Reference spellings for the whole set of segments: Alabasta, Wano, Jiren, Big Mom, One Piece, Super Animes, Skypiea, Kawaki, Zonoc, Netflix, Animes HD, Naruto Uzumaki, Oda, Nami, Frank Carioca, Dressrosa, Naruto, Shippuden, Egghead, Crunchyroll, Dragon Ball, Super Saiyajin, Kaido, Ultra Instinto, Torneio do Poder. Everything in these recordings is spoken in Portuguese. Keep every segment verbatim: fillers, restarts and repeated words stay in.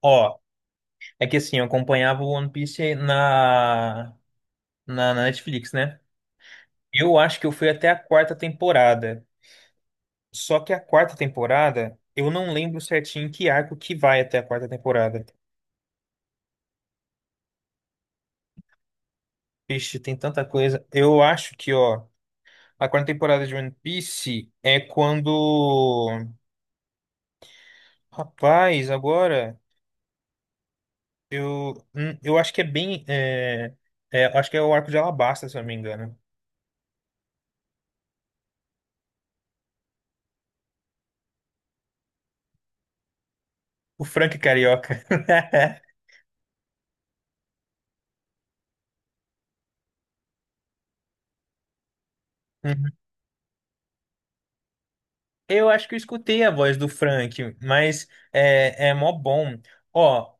Ó, é que assim, eu acompanhava o One Piece aí na, na, na Netflix, né? Eu acho que eu fui até a quarta temporada. Só que a quarta temporada, eu não lembro certinho que arco que vai até a quarta temporada. Vixe, tem tanta coisa. Eu acho que, ó, a quarta temporada de One Piece é quando. Rapaz, agora. Eu, hum, eu acho que é bem. É, é, acho que é o arco de Alabasta, se eu não me engano. O Frank Carioca. Eu acho que eu escutei a voz do Frank, mas é, é mó bom. Ó,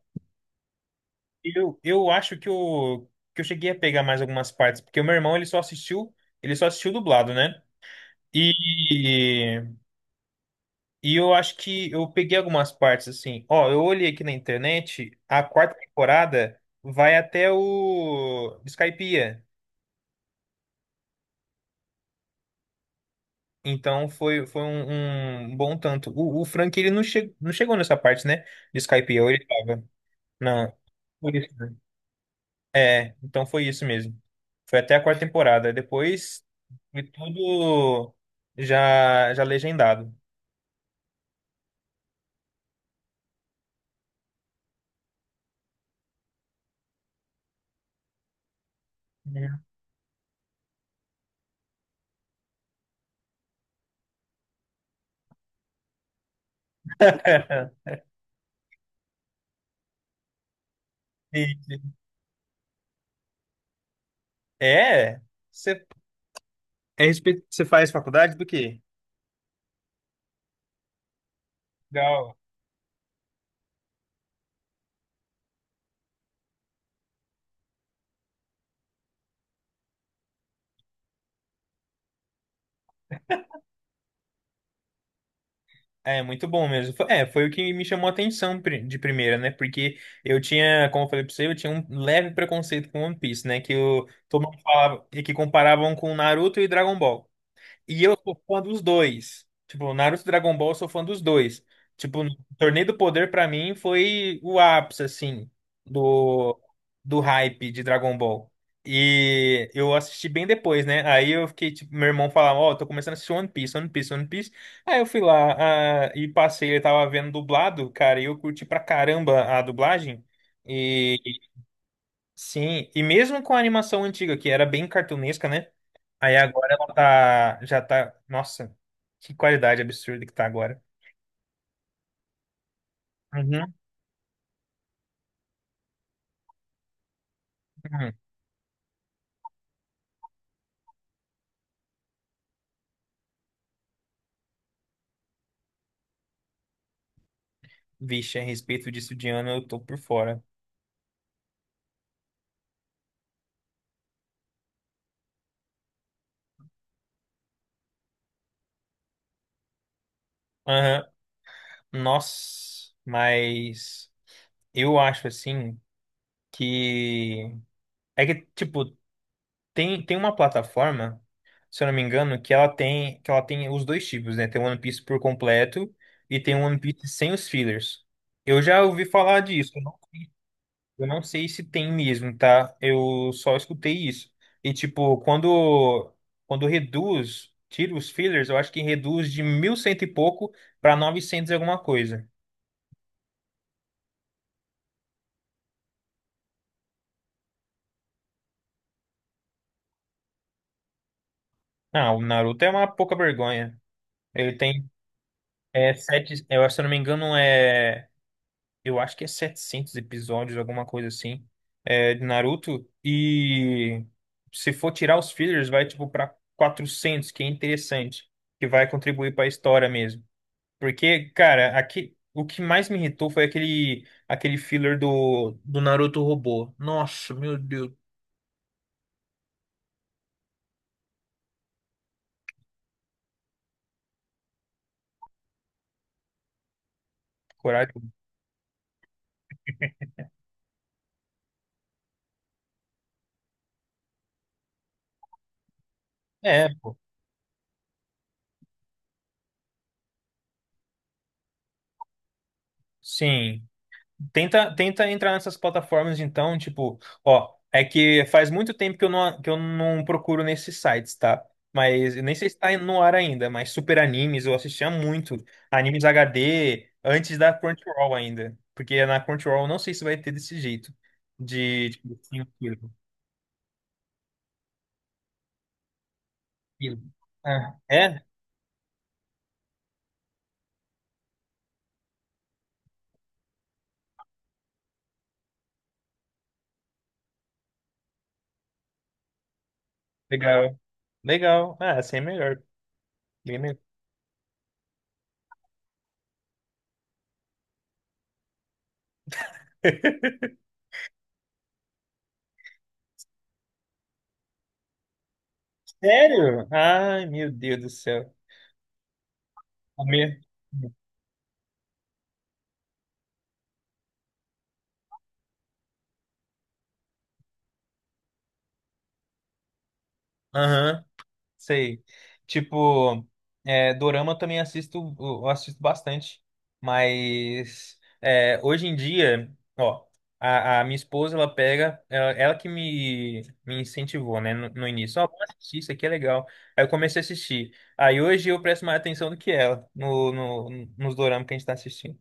eu, eu acho que eu, que eu cheguei a pegar mais algumas partes, porque o meu irmão ele só assistiu, ele só assistiu dublado, né? E, e eu acho que eu peguei algumas partes assim. Ó, eu olhei aqui na internet, a quarta temporada vai até o Skypiea. Então foi, foi um, um bom tanto. O, o Frank ele não, che, não chegou nessa parte, né? De Skypiea, ou ele tava. Não. Por isso. É, então foi isso mesmo. Foi até a quarta temporada. Depois foi tudo já, já legendado. E- É, você é respe- você faz faculdade do quê? Legal. É muito bom mesmo. Foi- É, foi o que me chamou a atenção pri- de primeira, né? Porque eu tinha, como eu falei pra você, eu tinha um leve preconceito com One Piece, né? Que eu, todo mundo falava e que comparavam com Naruto e Dragon Ball. E eu sou fã dos dois. Tipo, Naruto e Dragon Ball, eu sou fã dos dois. Tipo, no Torneio do Poder, pra mim, foi o ápice, assim, do, do hype de Dragon Ball. E eu assisti bem depois, né? Aí eu fiquei, tipo, meu irmão falava, ó, tô começando a assistir One Piece, One Piece, One Piece. Aí eu fui lá, ah, e passei, ele tava vendo dublado, cara, e eu curti pra caramba a dublagem. E sim, e mesmo com a animação antiga, que era bem cartunesca, né? Aí agora ela tá, já tá, nossa, que qualidade absurda que tá agora. Uhum. uhum. Vixe, a respeito disso de ano eu tô por fora. Aham, Nossa, mas eu acho assim que é que tipo tem tem uma plataforma, se eu não me engano, que ela tem que ela tem os dois tipos, né? Tem o One Piece por completo e tem o One Piece sem os fillers. Eu já ouvi falar disso. Eu não sei se tem mesmo, tá? Eu só escutei isso. E tipo, quando quando reduz, tira os fillers, eu acho que reduz de mil e cem e cem e pouco pra novecentos e alguma coisa. Ah, o Naruto é uma pouca vergonha. Ele tem é sete, eu acho, se eu não me engano é, eu acho que é setecentos episódios, alguma coisa assim, é, de Naruto e se for tirar os fillers vai tipo pra quatrocentos, que é interessante, que vai contribuir pra história mesmo. Porque, cara, aqui, o que mais me irritou foi aquele, aquele filler do, do Naruto robô. Nossa, meu Deus, coragem. É, pô. Sim. Tenta, tenta entrar nessas plataformas, então, tipo, ó, é que faz muito tempo que eu não, que eu não procuro nesses sites, tá? Mas eu nem sei se tá no ar ainda, mas Super Animes, eu assistia muito. Animes H D, antes da Crunchyroll ainda. Porque na Crunchyroll eu não sei se vai ter desse jeito. De, tipo, assim, E- Ah, é? Legal. Legal. Ah, assim é melhor. Bem melhor. Sério? Ai, meu Deus do céu. A minha... Aham. Sei. Tipo, é, dorama eu também assisto, eu assisto bastante. Mas é, hoje em dia, ó, a, a minha esposa, ela pega, ela, ela que me, me incentivou, né, no, no início. Ó, vamos assistir, isso aqui é legal. Aí eu comecei a assistir. Aí hoje eu presto mais atenção do que ela no, no, nos doramas que a gente tá assistindo.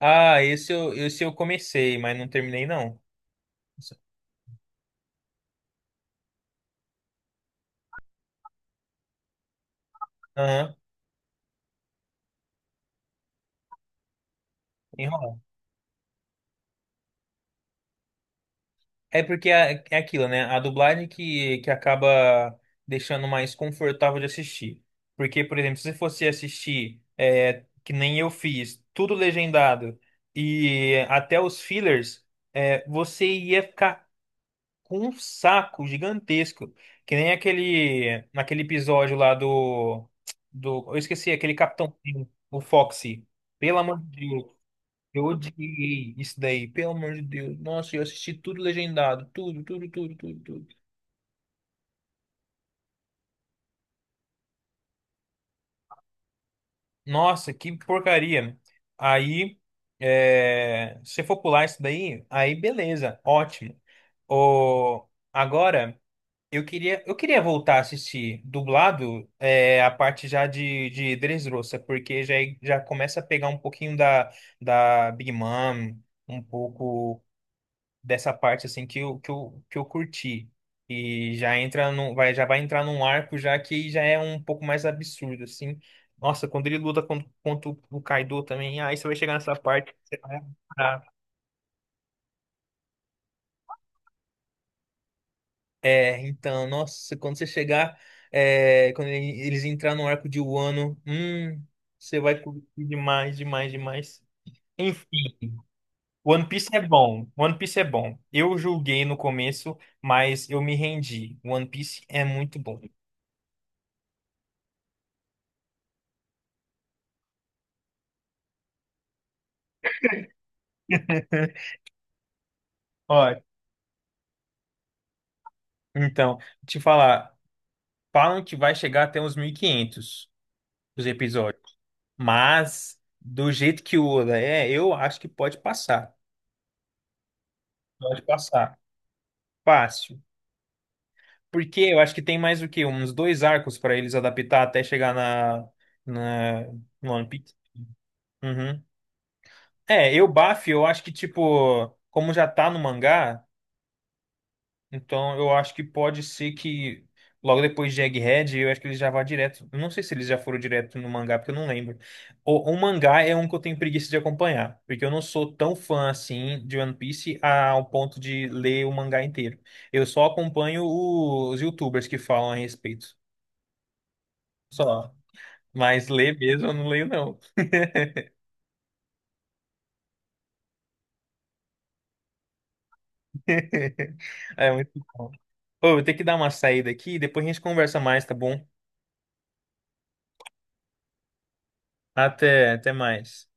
Ah, esse eu, esse eu comecei, mas não terminei, não. Aham. É porque é, é aquilo, né? A dublagem que, que acaba deixando mais confortável de assistir. Porque, por exemplo, se fosse assistir, é, que nem eu fiz, tudo legendado e até os fillers, é, você ia ficar com um saco gigantesco. Que nem aquele, naquele episódio lá do, do. Eu esqueci, aquele Capitão Pym, o Foxy. Pelo amor de Deus. Eu odiei isso daí, pelo amor de Deus. Nossa, eu assisti tudo legendado, tudo, tudo, tudo, tudo, tudo. Nossa, que porcaria. Aí, é, se for pular isso daí, aí beleza, ótimo. O... Agora, eu queria, eu queria voltar a assistir dublado, é, a parte já de, de Dressrosa, porque já, já começa a pegar um pouquinho da, da Big Mom, um pouco. dessa parte assim que eu, que eu, que eu curti. E já entra num, vai, já vai entrar num arco já que já é um pouco mais absurdo assim. Nossa, quando ele luta contra, contra o o Kaido também, aí você vai chegar nessa parte que você vai adorar. É, então, nossa, quando você chegar, é, quando ele- eles entrar no arco de Wano, hum, você vai curtir demais, demais, demais. Enfim, One Piece é bom. One Piece é bom. Eu julguei no começo, mas eu me rendi. One Piece é muito bom. Ó, Então, te falar, falam que vai chegar até uns mil e quinhentos os episódios, mas do jeito que o Oda é, eu acho que pode passar. Pode passar. Fácil. Porque eu acho que tem mais o quê? Uns dois arcos para eles adaptar até chegar na, na no One Piece. Uhum. É, eu, Baf, eu acho que, tipo, como já tá no mangá. Então, eu acho que pode ser que logo depois de Egghead, eu acho que eles já vá direto. Eu não sei se eles já foram direto no mangá, porque eu não lembro. O, o mangá é um que eu tenho preguiça de acompanhar, porque eu não sou tão fã assim de One Piece ao ponto de ler o mangá inteiro. Eu só acompanho os YouTubers que falam a respeito. Só. Mas ler mesmo eu não leio, não. É muito bom. Ô, eu vou ter que dar uma saída aqui, depois a gente conversa mais, tá bom? Até, até mais.